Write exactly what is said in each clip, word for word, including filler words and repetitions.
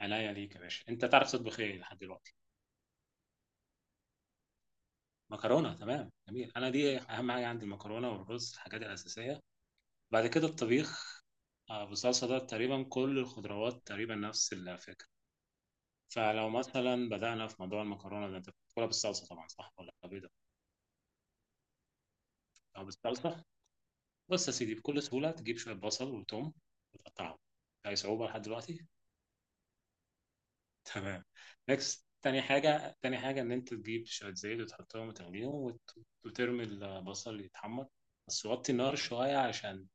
عينيا ليك يا باشا، انت تعرف تطبخ ايه لحد دلوقتي؟ مكرونه. تمام، جميل. انا دي اهم حاجه عندي، المكرونه والرز، الحاجات الاساسيه. بعد كده الطبيخ آه، بالصلصه ده، تقريبا كل الخضروات تقريبا نفس الفكره. فلو مثلا بدانا في موضوع المكرونه ده، انت بتاكلها بالصلصه طبعا، صح ولا بيضه؟ او بالصلصه. بص يا سيدي، بكل سهوله تجيب شويه بصل وتوم وتقطعهم. اي صعوبه لحد دلوقتي؟ تمام. نكست، تاني حاجة تاني حاجة إن أنت تجيب شوية زيت وتحطهم وتغليهم وت- وترمي البصل يتحمر. بس وطي النار شوية عشان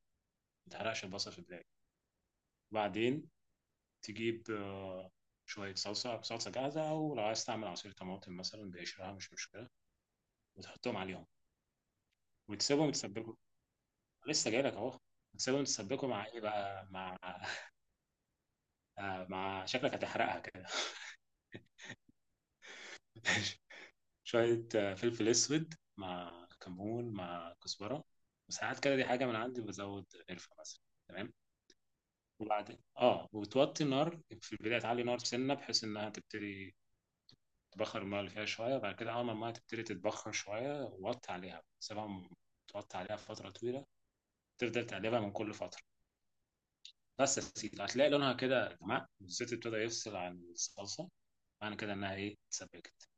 متحرقش البصل في البداية. بعدين تجيب آه، شوية صلصة، صلصة جاهزة، أو لو عايز تعمل عصير طماطم مثلا بقشرها مش مشكلة، وتحطهم عليهم وتسيبهم يتسبكوا. لسه جايلك أهو. وتسيبهم يتسبكوا مع إيه بقى، مع آه، مع شكلك هتحرقها كده. شوية آه، فلفل أسود مع كمون مع كزبرة، وساعات كده دي حاجة من عندي بزود قرفة مثلا. تمام. وبعدين اه وتوطي النار، في البداية تعلي نار سنة بحيث إنها تبتدي تبخر المية اللي فيها شوية، وبعد كده أول ما المية تبتدي تتبخر شوية وطي عليها، سيبها م- توطي عليها فترة طويلة، تفضل تقلبها من كل فترة. بس يا سيدي هتلاقي لونها كده غمق والزيت ابتدى يفصل عن الصلصة، معنى كده إنها إيه، اتسبكت.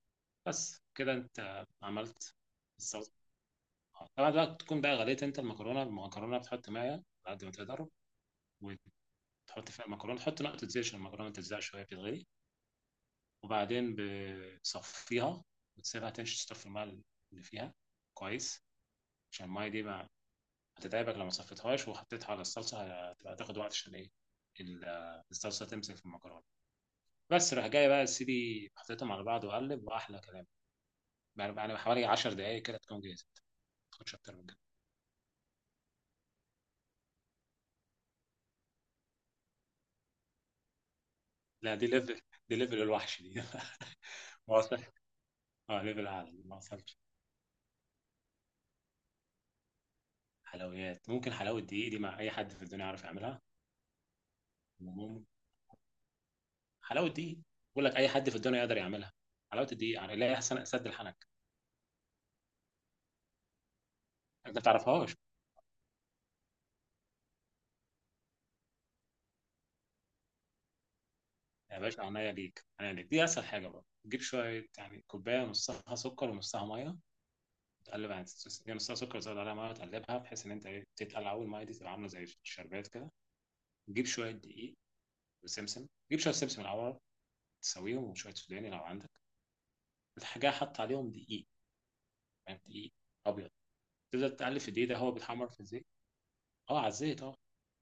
بس كده أنت عملت. طبعا بقى تكون بقى غليت انت المكرونه المكرونه بتحط ميه على قد ما تقدر، وتحط فيها المكرونه، تحط نقطه زيت عشان المكرونه تتزع شويه بتتغلي، وبعدين بتصفيها وتسيبها تشطف الميه اللي فيها كويس، عشان الميه دي ما هتتعبك، لو ما صفيتهاش وحطيتها على الصلصه هتبقى تاخد وقت عشان ايه، ال- الصلصه تمسك في المكرونه. بس راح جاي بقى سيدي، حطيتهم على بعض وقلب واحلى كلام. يعني يعني حوالي 10 دقائق كده تكون جاهزه، ما تاخدش اكتر من كده. لا دي ليفل، دي ليفل الوحش دي. واضح. اه ليفل اعلى ما وصلتش. حلويات ممكن، حلاوه دقيق دي مع اي حد في الدنيا يعرف يعملها. مم. حلاوه دقيق. بقول لك اي حد في الدنيا يقدر يعملها، حلاوه الدقيق، يعني لا يحسن سد الحنك. انت ما تعرفهاش؟ يا باشا، عينيا ليك عينيا ليك، دي اسهل حاجه، بقى تجيب شويه يعني كوبايه نصها سكر ونصها ميه، تقلب يعني تس- يعني نصها سكر زود عليها ميه وتقلبها بحيث ان انت ايه، تتقلع اول، الميه دي تبقى عامله زي الشربات كده. تجيب شويه دقيق وسمسم، تجيب شويه سمسم الاول تسويهم، وشويه سوداني لو عندك الحاجه. حط عليهم دقيق، يعني دقيق ابيض. تفضل تقلب في الدقيقه هو بيتحمر في الزيت. اه، على الزيت اه.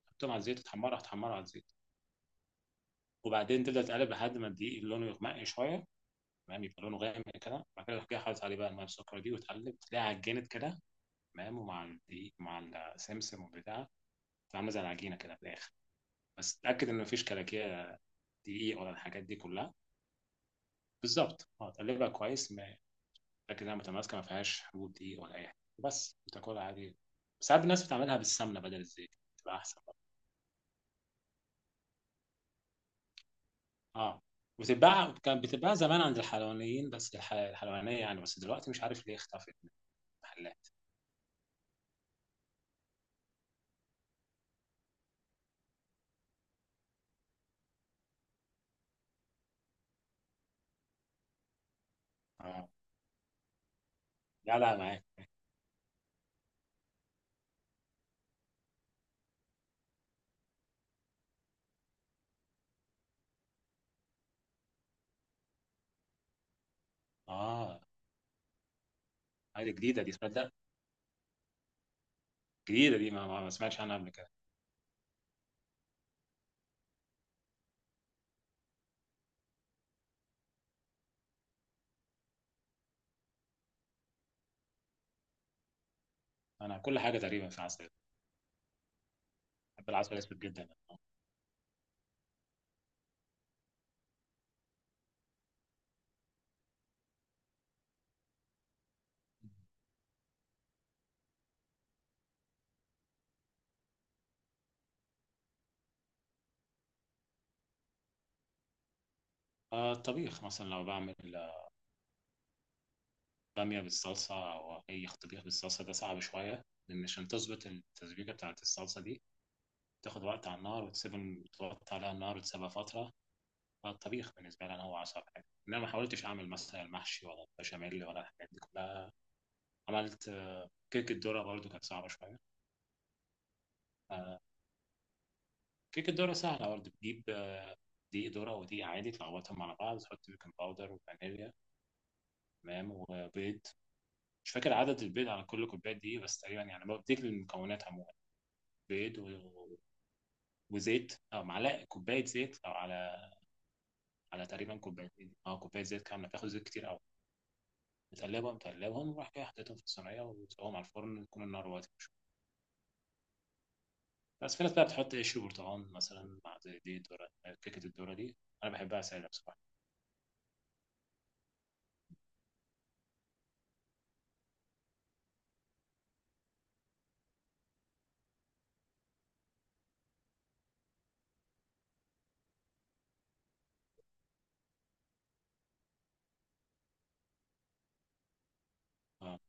حطهم على الزيت تحمره، هتحمره على الزيت، وبعدين تبدا تقلب لحد ما الدقيق لونه يغمق شويه. تمام، يبقى لونه غامق كده، بعد كده تروح جاي حاطط عليه بقى الميه السكر دي، وتقلب تلاقيها عجنت كده، تمام، ومع الدقيق مع السمسم والبتاع، عامله زي العجينه كده في الاخر. بس تاكد ان مفيش كلاكيع دقيق ولا الحاجات دي كلها. بالظبط، اه تقلبها كويس. ما- تاكد انها متماسكه ما فيهاش حبوب دقيق ولا اي حاجه، بس وتاكلها عادي. ساعات الناس بتعملها بالسمنه بدل الزيت، تبقى احسن. اه وتتباع، كانت بتتباع زمان عند الحلوانيين بس الح- الحلوانية يعني، بس دلوقتي مش عارف ليه اختفت من المحلات. اه. لا لا معاك. اه. هذه جديدة دي، تصدق، جديدة دي، ما, ما ما سمعتش عنها قبل كده. انا كل حاجة تقريبا في عسل، بحب العسل الاسود جدا آه. آه، الطبيخ مثلا لو بعمل آه، بامية بالصلصة أو أي طبيخ بالصلصة، ده صعب شوية لأن عشان تظبط التسبيكة بتاعة الصلصة دي تاخد وقت على النار، وتسيب، تحط عليها النار وتسيبها فترة. الطبيخ بالنسبه لي انا هو اصعب حاجه، ان انا ما حاولتش اعمل مثلا المحشي ولا البشاميل ولا الحاجات دي كلها. عملت آه، كيكه ذره، برضو كانت صعبه شويه. آه، كيكه ذره سهله برضو، بتجيب آه، دقيق ذره ودقيق عادي تلخبطهم على بعض، تحط بيكنج باودر وفانيليا، تمام، وبيض. مش فاكر عدد البيض على كل كوبايه دي بس تقريبا، يعني بديك المكونات عموما. بيض و- وزيت، او معلقه كوبايه زيت او على، على تقريبا كوبايتين اه كوبايه زيت كامله، بتاخد زيت كتير قوي. متقلبهم متقلبهم وراح جاي حطيتهم في الصينيه، وتسويهم على الفرن يكون النار واطيه. بس في ناس بقى بتحط عيش وبرتقال مثلا مع زي دي الدورة، كيكة الدورة دي أنا بحبها سادة بصراحة. أه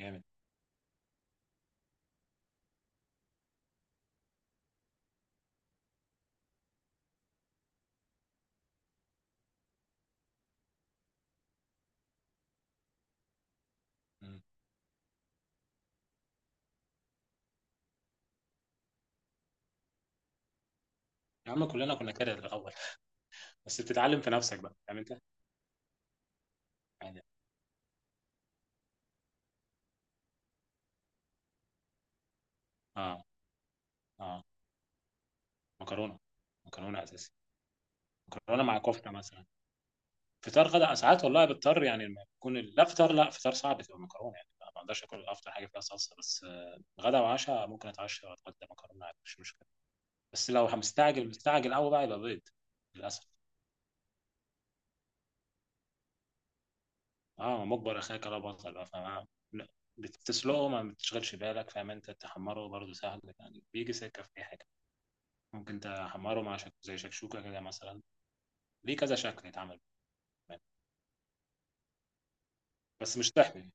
جامد. مم. يا عم كلنا كنا كده الأول. بس بتتعلم في نفسك بقى، فاهم أنت؟ يعني. أه. أه. مكرونة، مكرونة أساسي، مكرونة مع كفتة مثلا. فطار غدا ساعات والله بضطر، يعني لما يكون لا فطار، لا فطار صعب تبقى مكرونة يعني، ما بقدرش آكل أفطر حاجة فيها صلصة، بس آه، غدا وعشاء ممكن أتعشى وأتغدى مكرونة عادي، مش مشكلة. بس لو مستعجل مستعجل قوي بقى، يبقى بيض للأسف. اه، مجبر اخاك لا بطل، بقى فاهم؟ لا، بتسلقه ما بتشغلش بالك، فاهم؟ انت تحمره برضه سهل يعني، بيجي سكه في اي حاجه. ممكن تحمره مع شك... زي شكشوكه كده مثلا. ليه كذا شكل يتعمل كمان. بس مش تحمي،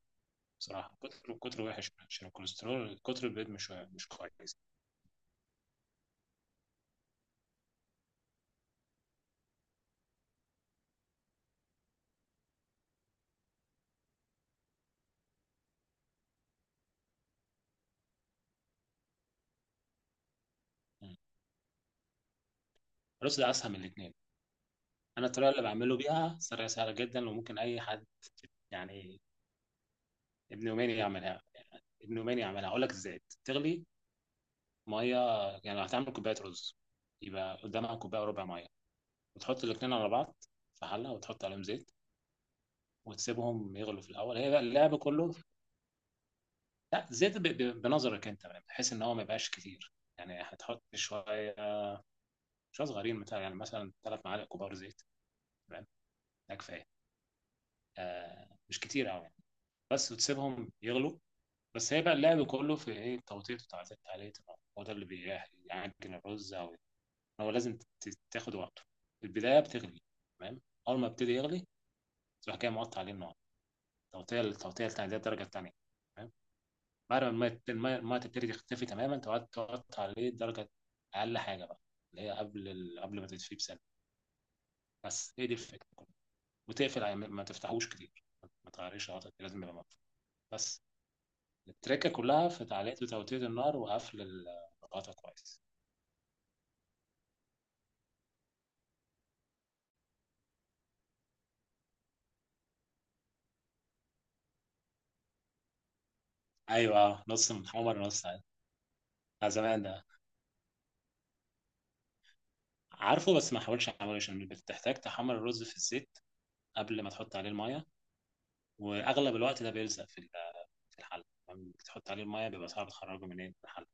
بصراحه كتر كتر وحش عشان الكوليسترول، كتر البيض مش مش كويس. مم. الرز ده اسهل من الاثنين. انا الطريقه اللي بعمله بيها طريقه سهله جدا، وممكن اي حد يعني ابن يومين يعملها، يعني ابن يومين يعملها اقول لك ازاي. تغلي ميه، يعني لو هتعمل كوبايه رز يبقى قدامها كوبايه وربع ميه، وتحط الاتنين على بعض في حله، وتحط عليهم زيت، وتسيبهم يغلوا في الاول، هي بقى اللعب كله. لا زيت ب... ب... بنظرك انت يعني، بحيث ان هو ما يبقاش كتير، يعني هتحط شويه، شويه صغيرين مثلا، يعني مثلا ثلاث معالق كبار زيت، تمام، ده كفايه، آه مش كتير قوي يعني. بس وتسيبهم يغلوا، بس هي بقى اللعب كله في ايه، التوطيط بتاع الزيت عليه، هو ده اللي بيعجن الرز. او هو لازم ت- تاخد وقته. في البداية بتغلي، تمام، أول ما يبتدي يغلي تروح جاي موطي عليه النار، توطية التوطية التانية دي الدرجة التانية، تمام. بعد ما المية المية المية تبتدي تختفي تماما، تقعد توطي عليه درجة أقل حاجة بقى، اللي هي قبل ال... قبل ما تدفيه بسنة. بس هي دي الفكرة كلها. وتقفل عليه ما ما تفتحوش كتير، ما تغيرش غطا، لازم يبقى مقفول بس. التركة كلها في تعليق وتوطية النار وقفل الغطا كويس. أيوه آه، نص محمر نص عادي. على زمان ده، عارفه بس ما حاولش عليه، عشان بتحتاج تحمر الرز في الزيت قبل ما تحط عليه المية، واغلب الوقت ده بيلزق في ال- في الحل لما تحط عليه المية، بيبقى صعب تخرجه من إيه؟ من الحل،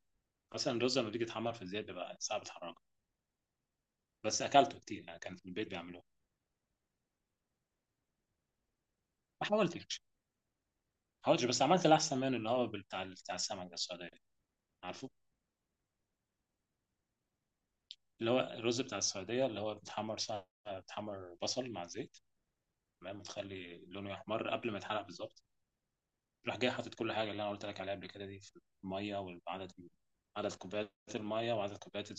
مثلا الرز لما بيجي يتحمر في الزيت بيبقى صعب تخرجه. بس اكلته كتير يعني، كان في البيت بيعملوه. ما حاولتش ما حاولتش بس عملت الاحسن منه، اللي هو بتاع بتاع السمك ده السعوديه، عارفه؟ اللي هو الرز بتاع السعوديه، اللي هو بتحمر سا... بتحمر بصل مع زيت، تمام، وتخلي لونه يحمر قبل ما يتحرق بالظبط، راح جاي حاطط كل حاجه اللي انا قلت لك عليها قبل كده دي في الميه، وعدد، عدد كوبايات الميه وعدد كوبايات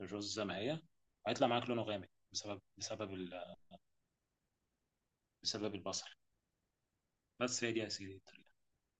الرز زي ما هي. هيطلع معاك لونه غامق بسبب بسبب ال- بسبب البصل. بس هي دي يا سيدي الطريقه.